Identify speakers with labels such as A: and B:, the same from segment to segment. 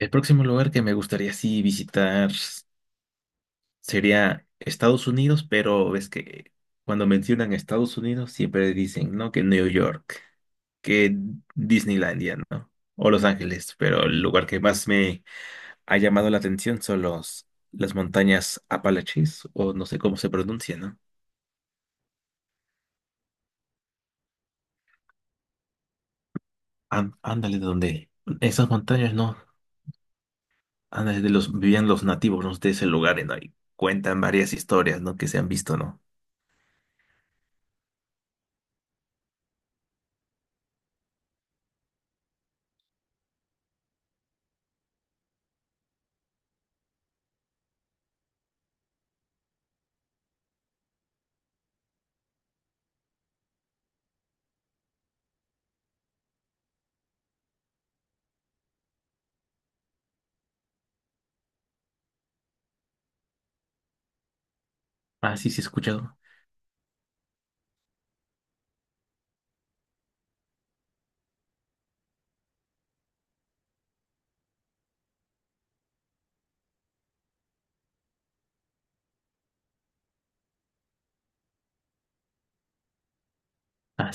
A: El próximo lugar que me gustaría sí visitar sería Estados Unidos, pero ves que cuando mencionan Estados Unidos siempre dicen, ¿no? Que New York, que Disneylandia, ¿no? O Los Ángeles, pero el lugar que más me ha llamado la atención son las montañas Apalaches, o no sé cómo se pronuncia, ¿no? Ándale de donde esas montañas, ¿no? Ándale de los vivían los nativos, ¿no? De ese lugar, ¿no? Y cuentan varias historias, ¿no? Que se han visto, ¿no? Ah, sí, sí, he escuchado. Ah,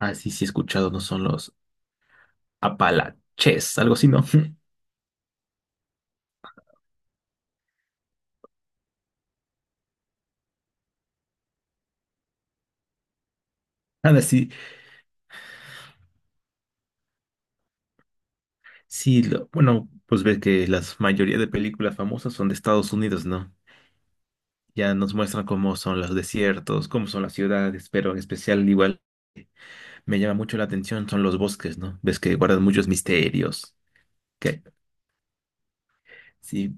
A: ah, sí, sí he escuchado, no son los Apalaches, algo así, ¿no? Nada, sí, sí, bueno, pues ves que la mayoría de películas famosas son de Estados Unidos, ¿no? Ya nos muestran cómo son los desiertos, cómo son las ciudades, pero en especial igual me llama mucho la atención son los bosques, ¿no? Ves que guardan muchos misterios, que sí.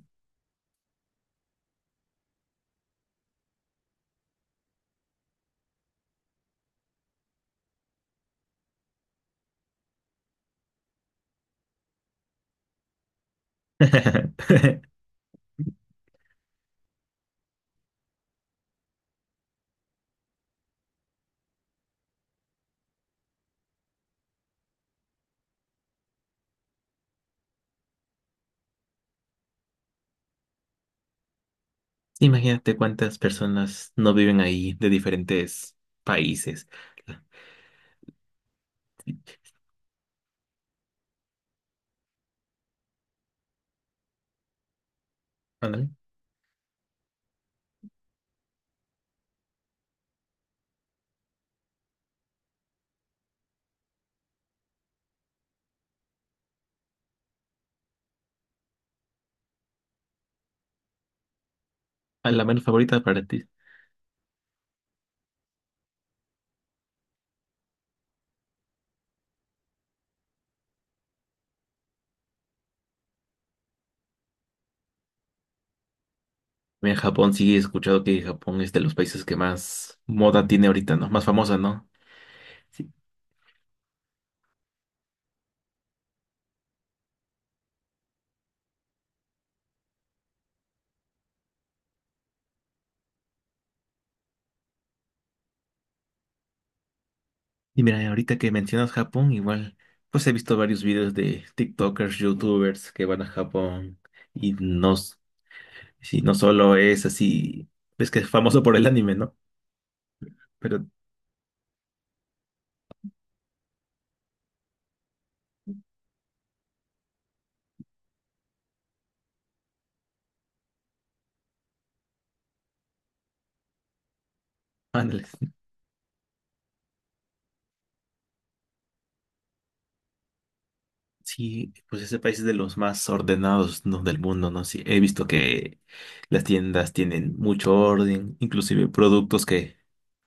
A: Imagínate cuántas personas no viven ahí de diferentes países. Ándale. ¿A la menos favorita para ti? En Japón sí he escuchado que Japón es de los países que más moda tiene ahorita, ¿no? Más famosa, ¿no? Sí. Y mira, ahorita que mencionas Japón, igual, pues he visto varios videos de TikTokers, YouTubers que van a Japón y sí, no solo es así, es que es famoso por el anime, ¿no? Pero, ándale. Sí, pues ese país es de los más ordenados, ¿no? Del mundo, ¿no? Sí, he visto que las tiendas tienen mucho orden, inclusive productos que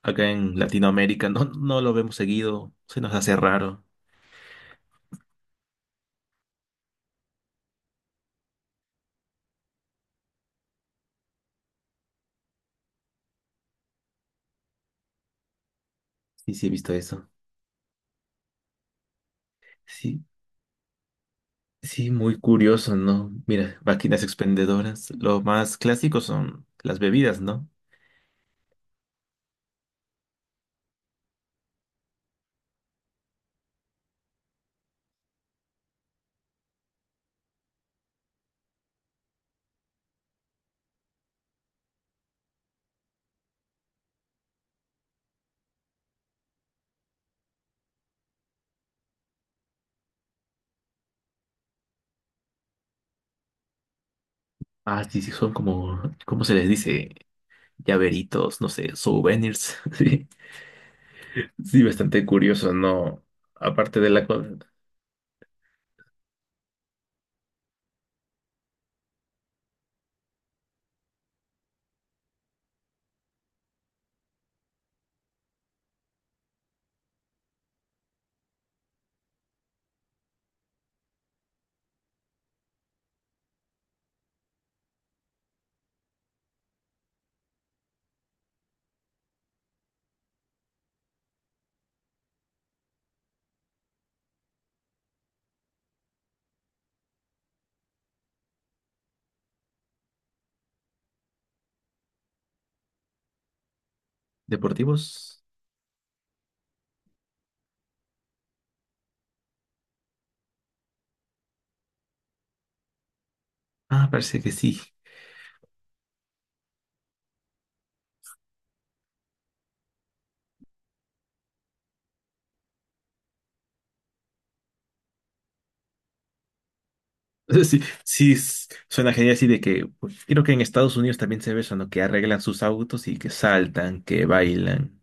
A: acá en Latinoamérica no lo vemos seguido, se nos hace raro. Sí, sí, he visto eso. Sí, sí, muy curioso, ¿no? Mira, máquinas expendedoras, lo más clásico son las bebidas, ¿no? Ah, sí, sí, son como, ¿cómo se les dice? Llaveritos, no sé, souvenirs. Sí, sí, bastante curioso, ¿no? Aparte de la comida. ¿Deportivos? Ah, parece que sí. Sí, sí, suena genial así de que pues, creo que en Estados Unidos también se ve eso, ¿no? Que arreglan sus autos y que saltan, que bailan.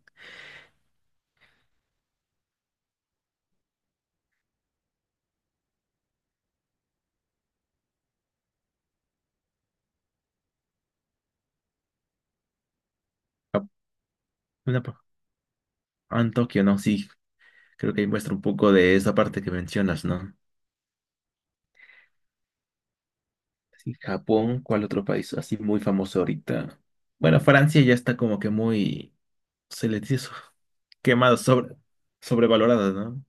A: Ah, una pa- ah, en Tokio, ¿no? Sí, creo que ahí muestra un poco de esa parte que mencionas, ¿no? Sí, Japón, ¿cuál otro país así muy famoso ahorita? Bueno, Francia ya está como que muy, se le dice eso, quemada, sobrevalorada, ¿no?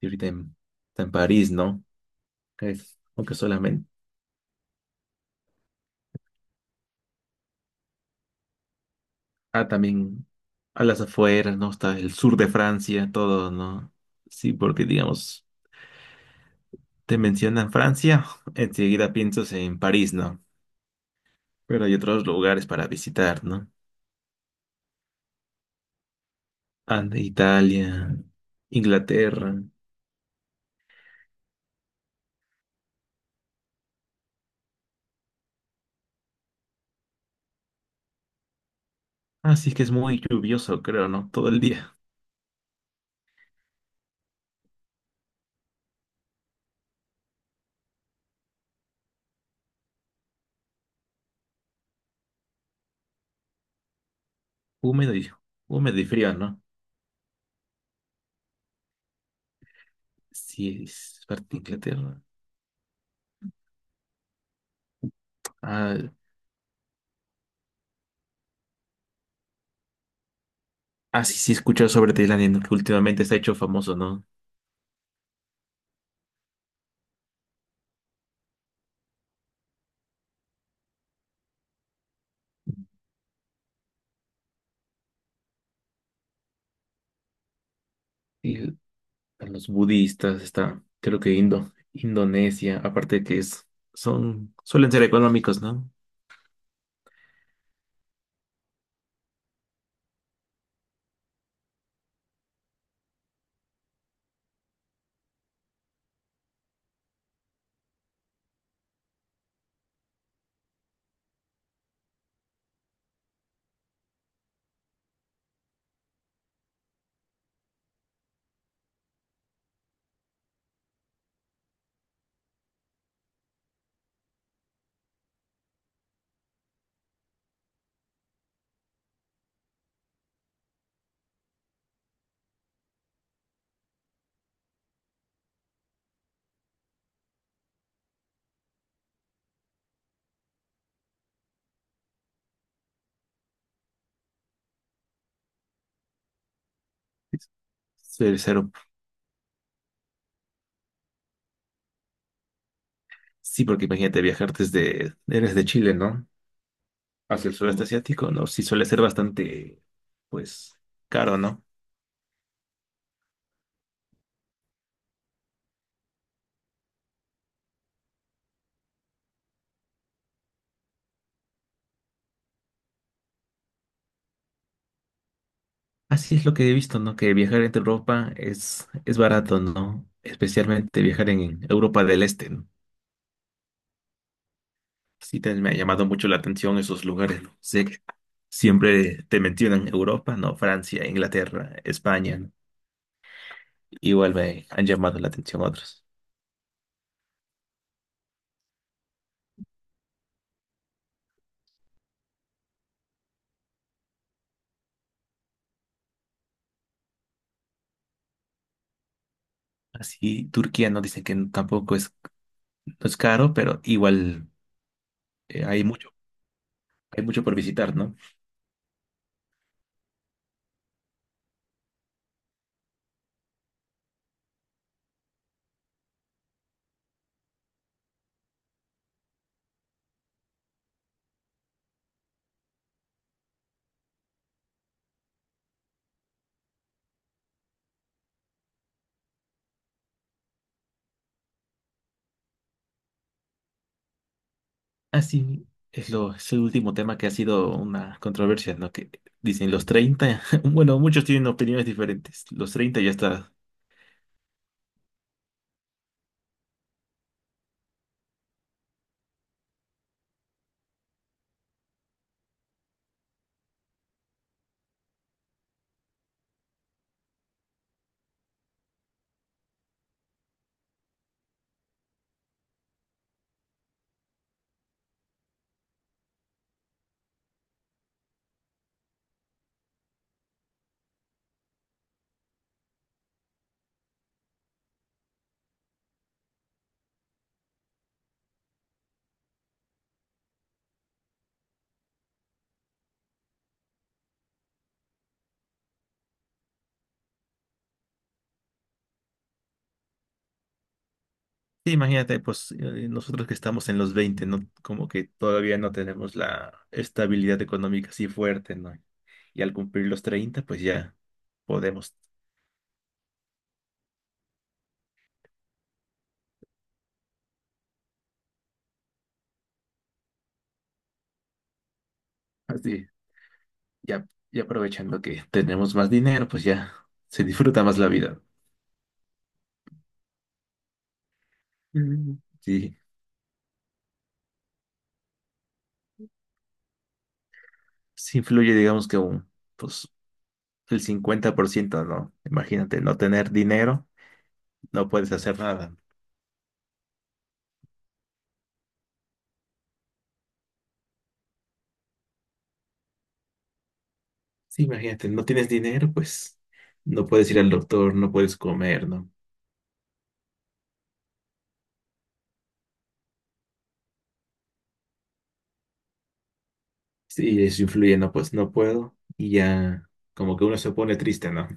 A: Y ahorita en, está en París, ¿no? Es, aunque solamente. Ah, también a las afueras, ¿no? Está el sur de Francia, todo, ¿no? Sí, porque digamos, te mencionan Francia, enseguida piensas en París, ¿no? Pero hay otros lugares para visitar, ¿no? Ande, Italia, Inglaterra. Así que es muy lluvioso, creo, ¿no? Todo el día. Húmedo y, húmedo y frío, ¿no? Sí, es parte de Inglaterra. Ah, ah, sí, sí, he escuchado sobre Tailandia, ¿no? Que últimamente se ha hecho famoso, ¿no? Sí, están los budistas, está creo que Indonesia, aparte que es, son, suelen ser económicos, ¿no? Ser cero. Sí, porque imagínate viajar desde, eres de Chile, ¿no? Hacia el sureste asiático, ¿no? Sí suele ser bastante, pues, caro, ¿no? Así es lo que he visto, ¿no? Que viajar entre Europa es barato, ¿no? Especialmente viajar en Europa del Este, ¿no? Sí, me ha llamado mucho la atención esos lugares. ¿No? Sé que siempre te mencionan Europa, ¿no? Francia, Inglaterra, España. ¿No? Igual me han llamado la atención otros. Así, Turquía no dicen que tampoco es, no es caro, pero igual eh, hay mucho, hay mucho por visitar, ¿no? Así es lo, es el último tema que ha sido una controversia, ¿no? Que dicen los 30. Bueno, muchos tienen opiniones diferentes. Los 30 ya está. Sí, imagínate, pues nosotros que estamos en los 20, ¿no? Como que todavía no tenemos la estabilidad económica así fuerte, ¿no? Y al cumplir los 30, pues ya podemos, así, ya, ya aprovechando que tenemos más dinero, pues ya se disfruta más la vida. Mm. Sí, sí influye, digamos que un, pues el 50%, ¿no? Imagínate, no tener dinero, no puedes hacer nada. Sí, imagínate, no tienes dinero, pues no puedes ir al doctor, no puedes comer, ¿no? Sí, eso influye, no, pues no puedo. Y ya, como que uno se pone triste, ¿no?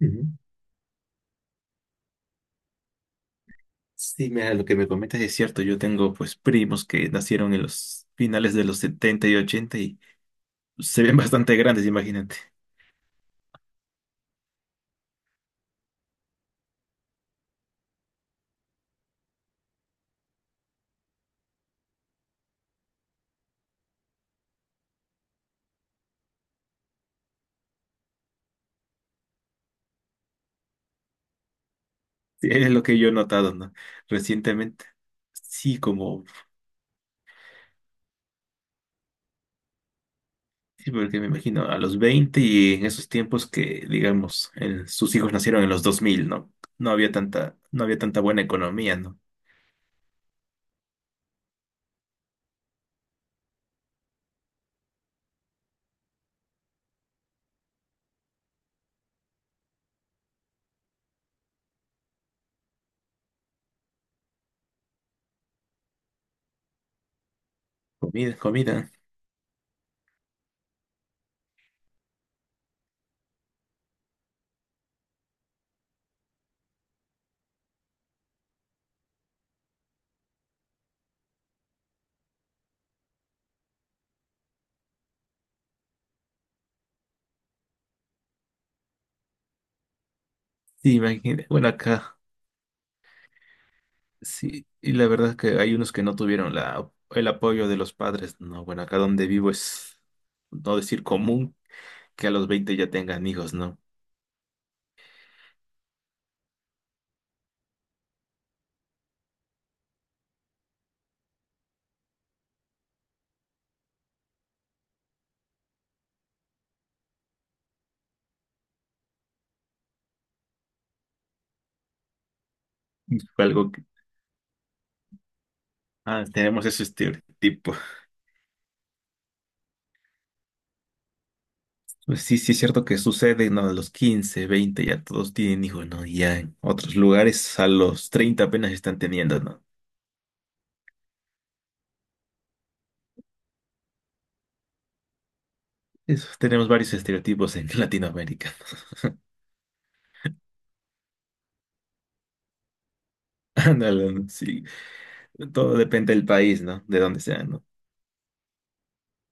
A: Ujú. Sí, mira, lo que me comentas es cierto. Yo tengo, pues, primos que nacieron en los finales de los 70 y 80 y se ven bastante grandes, imagínate. Sí, es lo que yo he notado, ¿no? Recientemente. Sí, como, sí, porque me imagino a los 20 y en esos tiempos que, digamos, sus hijos nacieron en los 2000, ¿no? No había tanta buena economía, ¿no? Comida, comida. Sí, imagínate. Bueno, acá. Sí, y la verdad es que hay unos que no tuvieron la, el apoyo de los padres. No, bueno, acá donde vivo es, no decir común, que a los 20 ya tengan hijos, ¿no? Y fue algo que, ah, tenemos ese estereotipo. Pues sí, sí es cierto que sucede, ¿no? A los 15, 20 ya todos tienen hijos, ¿no? Y ya en otros lugares a los 30 apenas están teniendo, ¿no? Eso, tenemos varios estereotipos en Latinoamérica. Ándale, ¿no? Sí. Todo depende del país, ¿no? De dónde sea, ¿no?